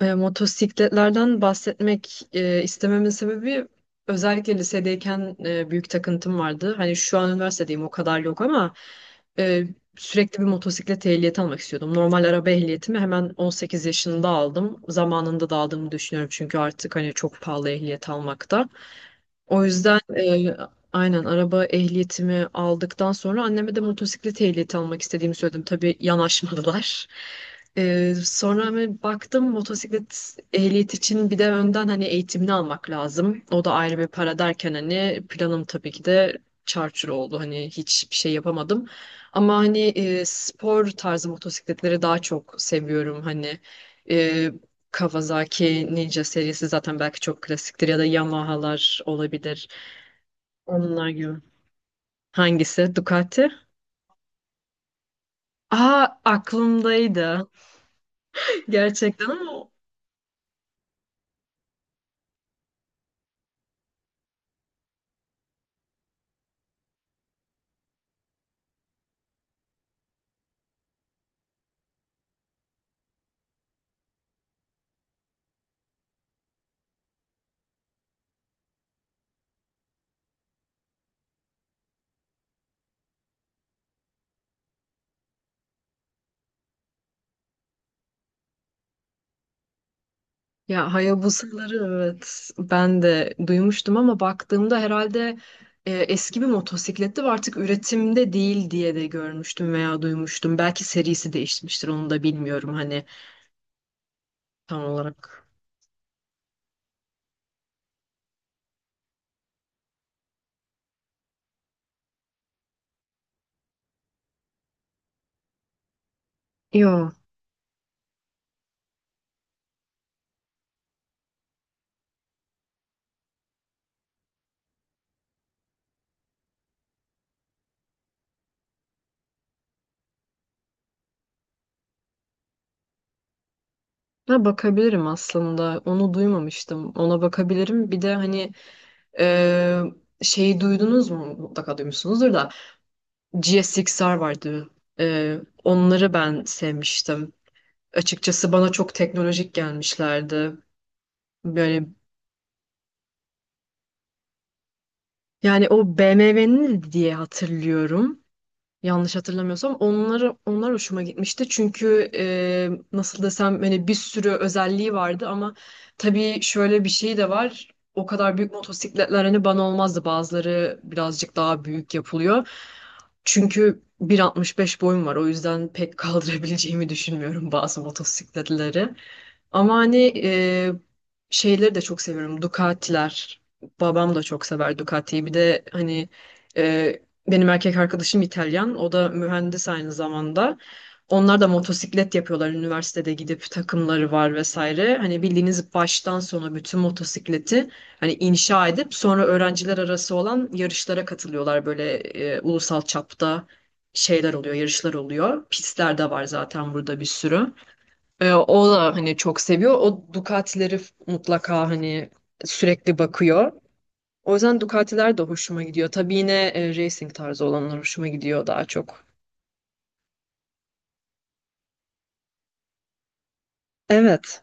Motosikletlerden bahsetmek istememin sebebi özellikle lisedeyken büyük takıntım vardı. Hani şu an üniversitedeyim, o kadar yok ama e, sürekli bir motosiklet ehliyeti almak istiyordum. Normal araba ehliyetimi hemen 18 yaşında aldım. Zamanında da aldığımı düşünüyorum çünkü artık hani çok pahalı ehliyet almakta. O yüzden aynen araba ehliyetimi aldıktan sonra anneme de motosiklet ehliyeti almak istediğimi söyledim. Tabii yanaşmadılar. Sonra hani baktım, motosiklet ehliyet için bir de önden hani eğitimini almak lazım. O da ayrı bir para derken hani planım tabii ki de çarçur oldu. Hani hiçbir şey yapamadım. Ama hani spor tarzı motosikletleri daha çok seviyorum. Hani e, Kawasaki Ninja serisi zaten belki çok klasiktir ya da Yamaha'lar olabilir. Onlar gibi. Hangisi? Ducati? Aa, aklımdaydı. Gerçekten, ama ya Hayabusa'ları, evet ben de duymuştum ama baktığımda herhalde eski bir motosikletti ve artık üretimde değil diye de görmüştüm veya duymuştum. Belki serisi değişmiştir, onu da bilmiyorum hani tam olarak. Yo. Ha, bakabilirim aslında. Onu duymamıştım. Ona bakabilirim. Bir de hani Ee, şeyi duydunuz mu? Mutlaka duymuşsunuzdur da. GSX-R vardı. Onları ben sevmiştim. Açıkçası bana çok teknolojik gelmişlerdi. Böyle, yani o BMW'nin diye hatırlıyorum. Yanlış hatırlamıyorsam onlar hoşuma gitmişti. Çünkü nasıl desem hani bir sürü özelliği vardı ama tabii şöyle bir şey de var. O kadar büyük motosikletler hani bana olmazdı. Bazıları birazcık daha büyük yapılıyor. Çünkü 1,65 boyum var. O yüzden pek kaldırabileceğimi düşünmüyorum bazı motosikletleri. Ama hani şeyleri de çok seviyorum. Ducati'ler. Babam da çok sever Ducati'yi. Bir de hani e, benim erkek arkadaşım İtalyan. O da mühendis aynı zamanda. Onlar da motosiklet yapıyorlar. Üniversitede gidip takımları var vesaire. Hani bildiğiniz baştan sona bütün motosikleti hani inşa edip sonra öğrenciler arası olan yarışlara katılıyorlar. Böyle ulusal çapta şeyler oluyor, yarışlar oluyor. Pistler de var zaten burada bir sürü. O da hani çok seviyor. O Ducati'leri mutlaka hani sürekli bakıyor. O yüzden Ducati'ler de hoşuma gidiyor. Tabii yine racing tarzı olanlar hoşuma gidiyor daha çok. Evet,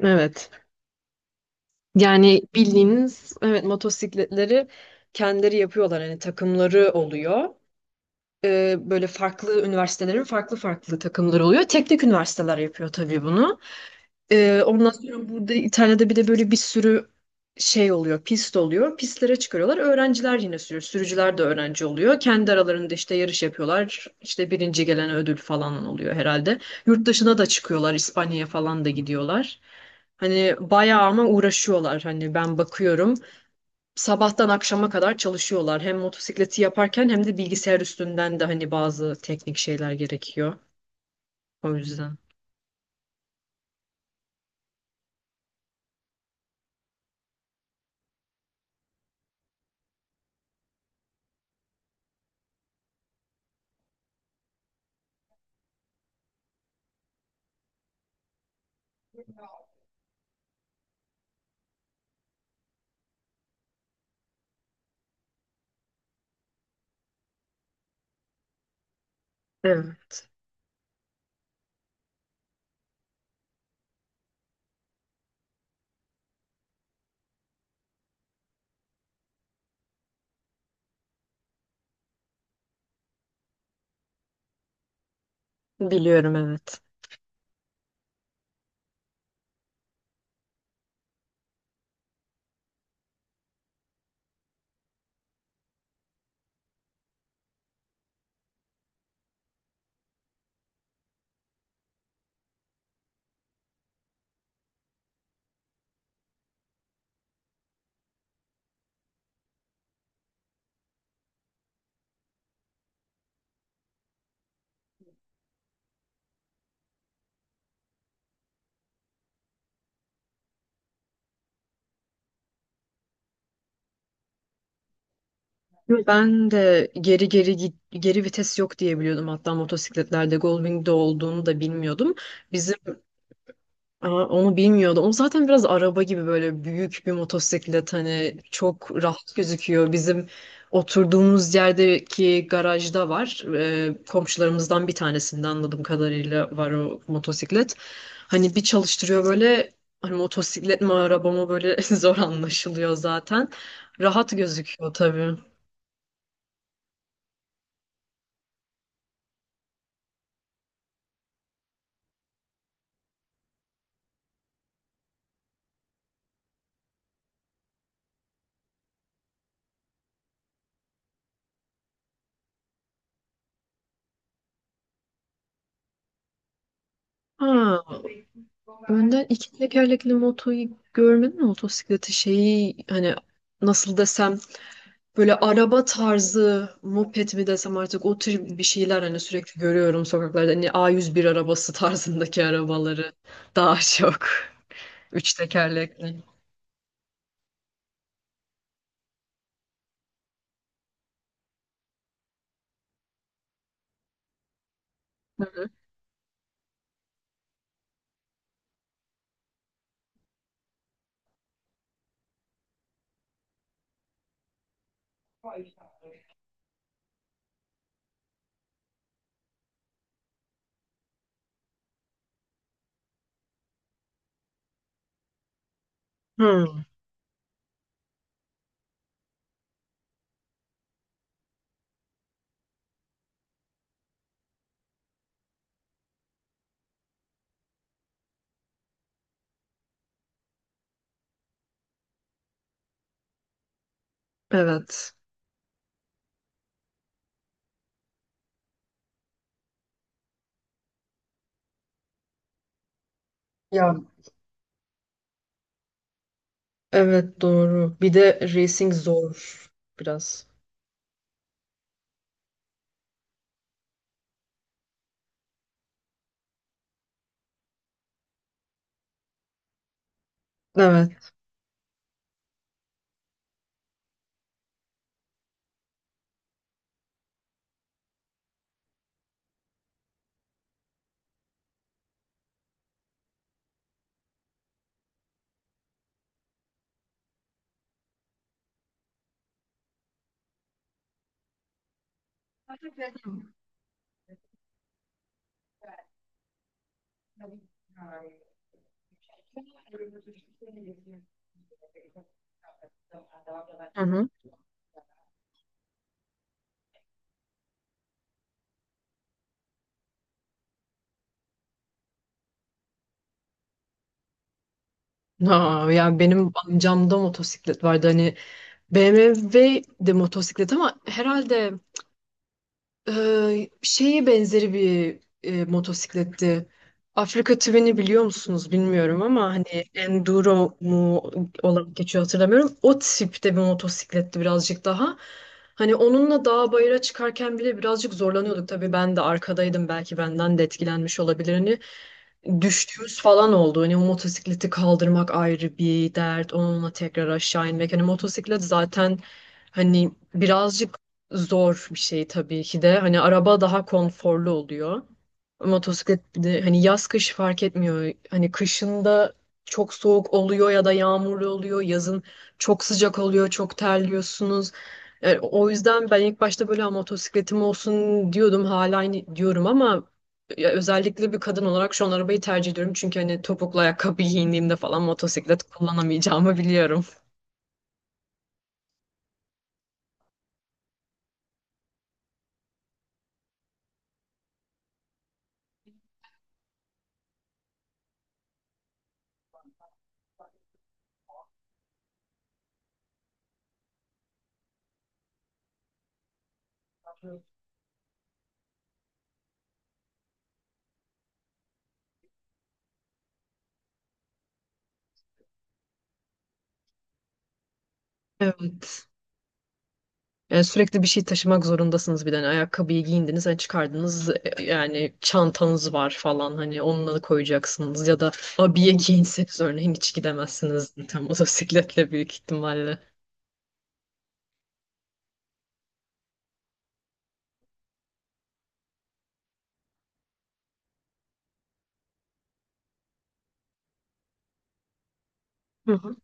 evet. Yani bildiğiniz, evet, motosikletleri kendileri yapıyorlar. Hani takımları oluyor. Böyle farklı üniversitelerin farklı farklı takımları oluyor. Teknik üniversiteler yapıyor tabii bunu. Ondan sonra burada İtalya'da bir de böyle bir sürü şey oluyor, pist oluyor. Pistlere çıkarıyorlar. Öğrenciler yine sürüyor. Sürücüler de öğrenci oluyor. Kendi aralarında işte yarış yapıyorlar. İşte birinci gelen ödül falan oluyor herhalde. Yurt dışına da çıkıyorlar. İspanya'ya falan da gidiyorlar. Hani bayağı ama uğraşıyorlar. Hani ben bakıyorum. Sabahtan akşama kadar çalışıyorlar. Hem motosikleti yaparken hem de bilgisayar üstünden de hani bazı teknik şeyler gerekiyor. O yüzden. Evet. Biliyorum, evet. Ben de geri geri git, geri vites yok diye biliyordum. Hatta motosikletlerde Goldwing'de olduğunu da bilmiyordum. Bizim Aa, onu bilmiyordum. O zaten biraz araba gibi böyle büyük bir motosiklet, hani çok rahat gözüküyor. Bizim oturduğumuz yerdeki garajda var. Komşularımızdan bir tanesinde anladığım kadarıyla var o motosiklet. Hani bir çalıştırıyor böyle, hani motosiklet mi araba mı böyle zor anlaşılıyor zaten. Rahat gözüküyor tabii. Ha. Önden iki tekerlekli motoyu görmedin mi, motosikleti, şeyi hani nasıl desem böyle araba tarzı moped mi desem artık, o tür bir şeyler hani sürekli görüyorum sokaklarda, hani A101 arabası tarzındaki arabaları daha çok, üç tekerlekli. Hı hı. Hmm. Evet. Ya evet, doğru. Bir de racing zor biraz. Evet. Hı hı. Ha, ya benim amcamda motosiklet vardı hani, BMW de motosiklet ama herhalde şeyi benzeri bir motosikletti. Afrika Twin'i biliyor musunuz bilmiyorum ama hani Enduro mu olarak geçiyor, hatırlamıyorum. O tipte bir motosikletti birazcık daha. Hani onunla dağ bayıra çıkarken bile birazcık zorlanıyorduk. Tabii ben de arkadaydım, belki benden de etkilenmiş olabilir. Hani düştüğümüz falan oldu. Hani o motosikleti kaldırmak ayrı bir dert. Onunla tekrar aşağı inmek. Hani motosiklet zaten hani birazcık zor bir şey tabii ki de. Hani araba daha konforlu oluyor. Motosiklet bir de hani yaz kış fark etmiyor. Hani kışında çok soğuk oluyor ya da yağmurlu oluyor. Yazın çok sıcak oluyor, çok terliyorsunuz. Yani o yüzden ben ilk başta böyle "Ha, motosikletim olsun" diyordum. Hala aynı diyorum ama ya, özellikle bir kadın olarak şu an arabayı tercih ediyorum. Çünkü hani topuklu ayakkabı giyindiğimde falan motosiklet kullanamayacağımı biliyorum. Evet. Yani sürekli bir şey taşımak zorundasınız bir de. Hani ayakkabıyı giyindiniz, hani çıkardınız, yani çantanız var falan, hani onunla da koyacaksınız ya da abiye giyinseniz örneğin, hiç gidemezsiniz tam motosikletle büyük ihtimalle. Hı hı.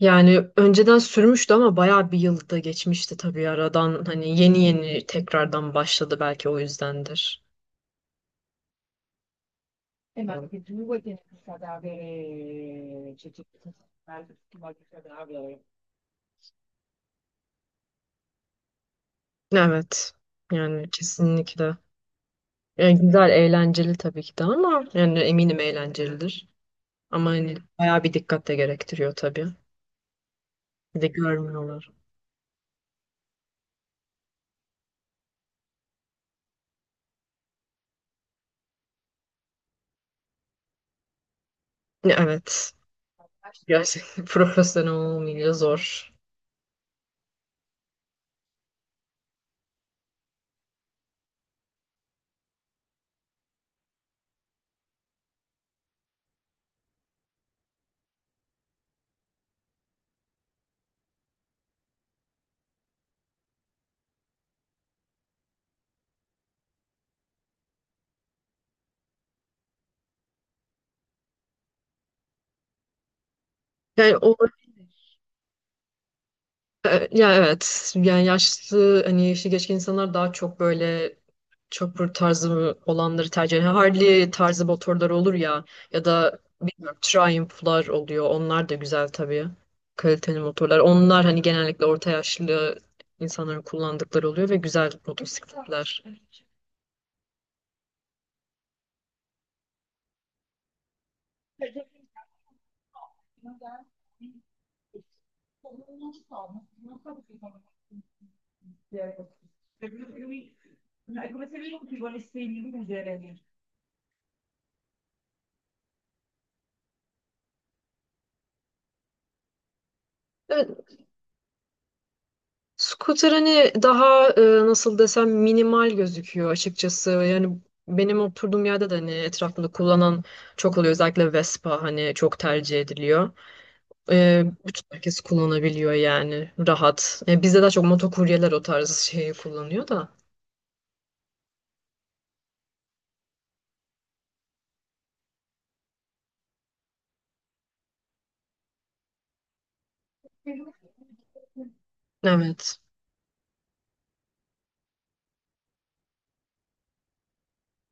Yani önceden sürmüştü ama bayağı bir yılda geçmişti tabii aradan, hani yeni yeni tekrardan başladı, belki o yüzdendir. Evet. Yani kesinlikle. Yani güzel, eğlenceli tabii ki de ama yani eminim eğlencelidir. Ama hani bayağı bir dikkat de gerektiriyor tabii. Bir de görmüyorlar. Evet. Gerçekten profesyonel olmayınca zor. Yani o. Ya evet, yani yaşlı, hani yaşı geçkin insanlar daha çok böyle chopper tarzı olanları tercih ediyor. Harley tarzı motorlar olur ya, ya da bilmiyorum Triumph'lar oluyor. Onlar da güzel tabii. Kaliteli motorlar. Onlar hani genellikle orta yaşlı insanların kullandıkları oluyor ve güzel motosikletler. Evet. Scooter hani daha nasıl desem minimal gözüküyor açıkçası. Yani benim oturduğum yerde de hani etrafında kullanan çok oluyor. Özellikle Vespa hani çok tercih ediliyor. Bütün herkes kullanabiliyor yani, rahat. Bizde daha çok motokuryeler o tarz şeyi kullanıyor da. Evet,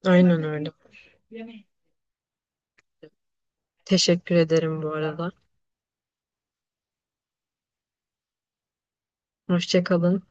aynen öyle. Teşekkür ederim bu arada. Hoşça kalın.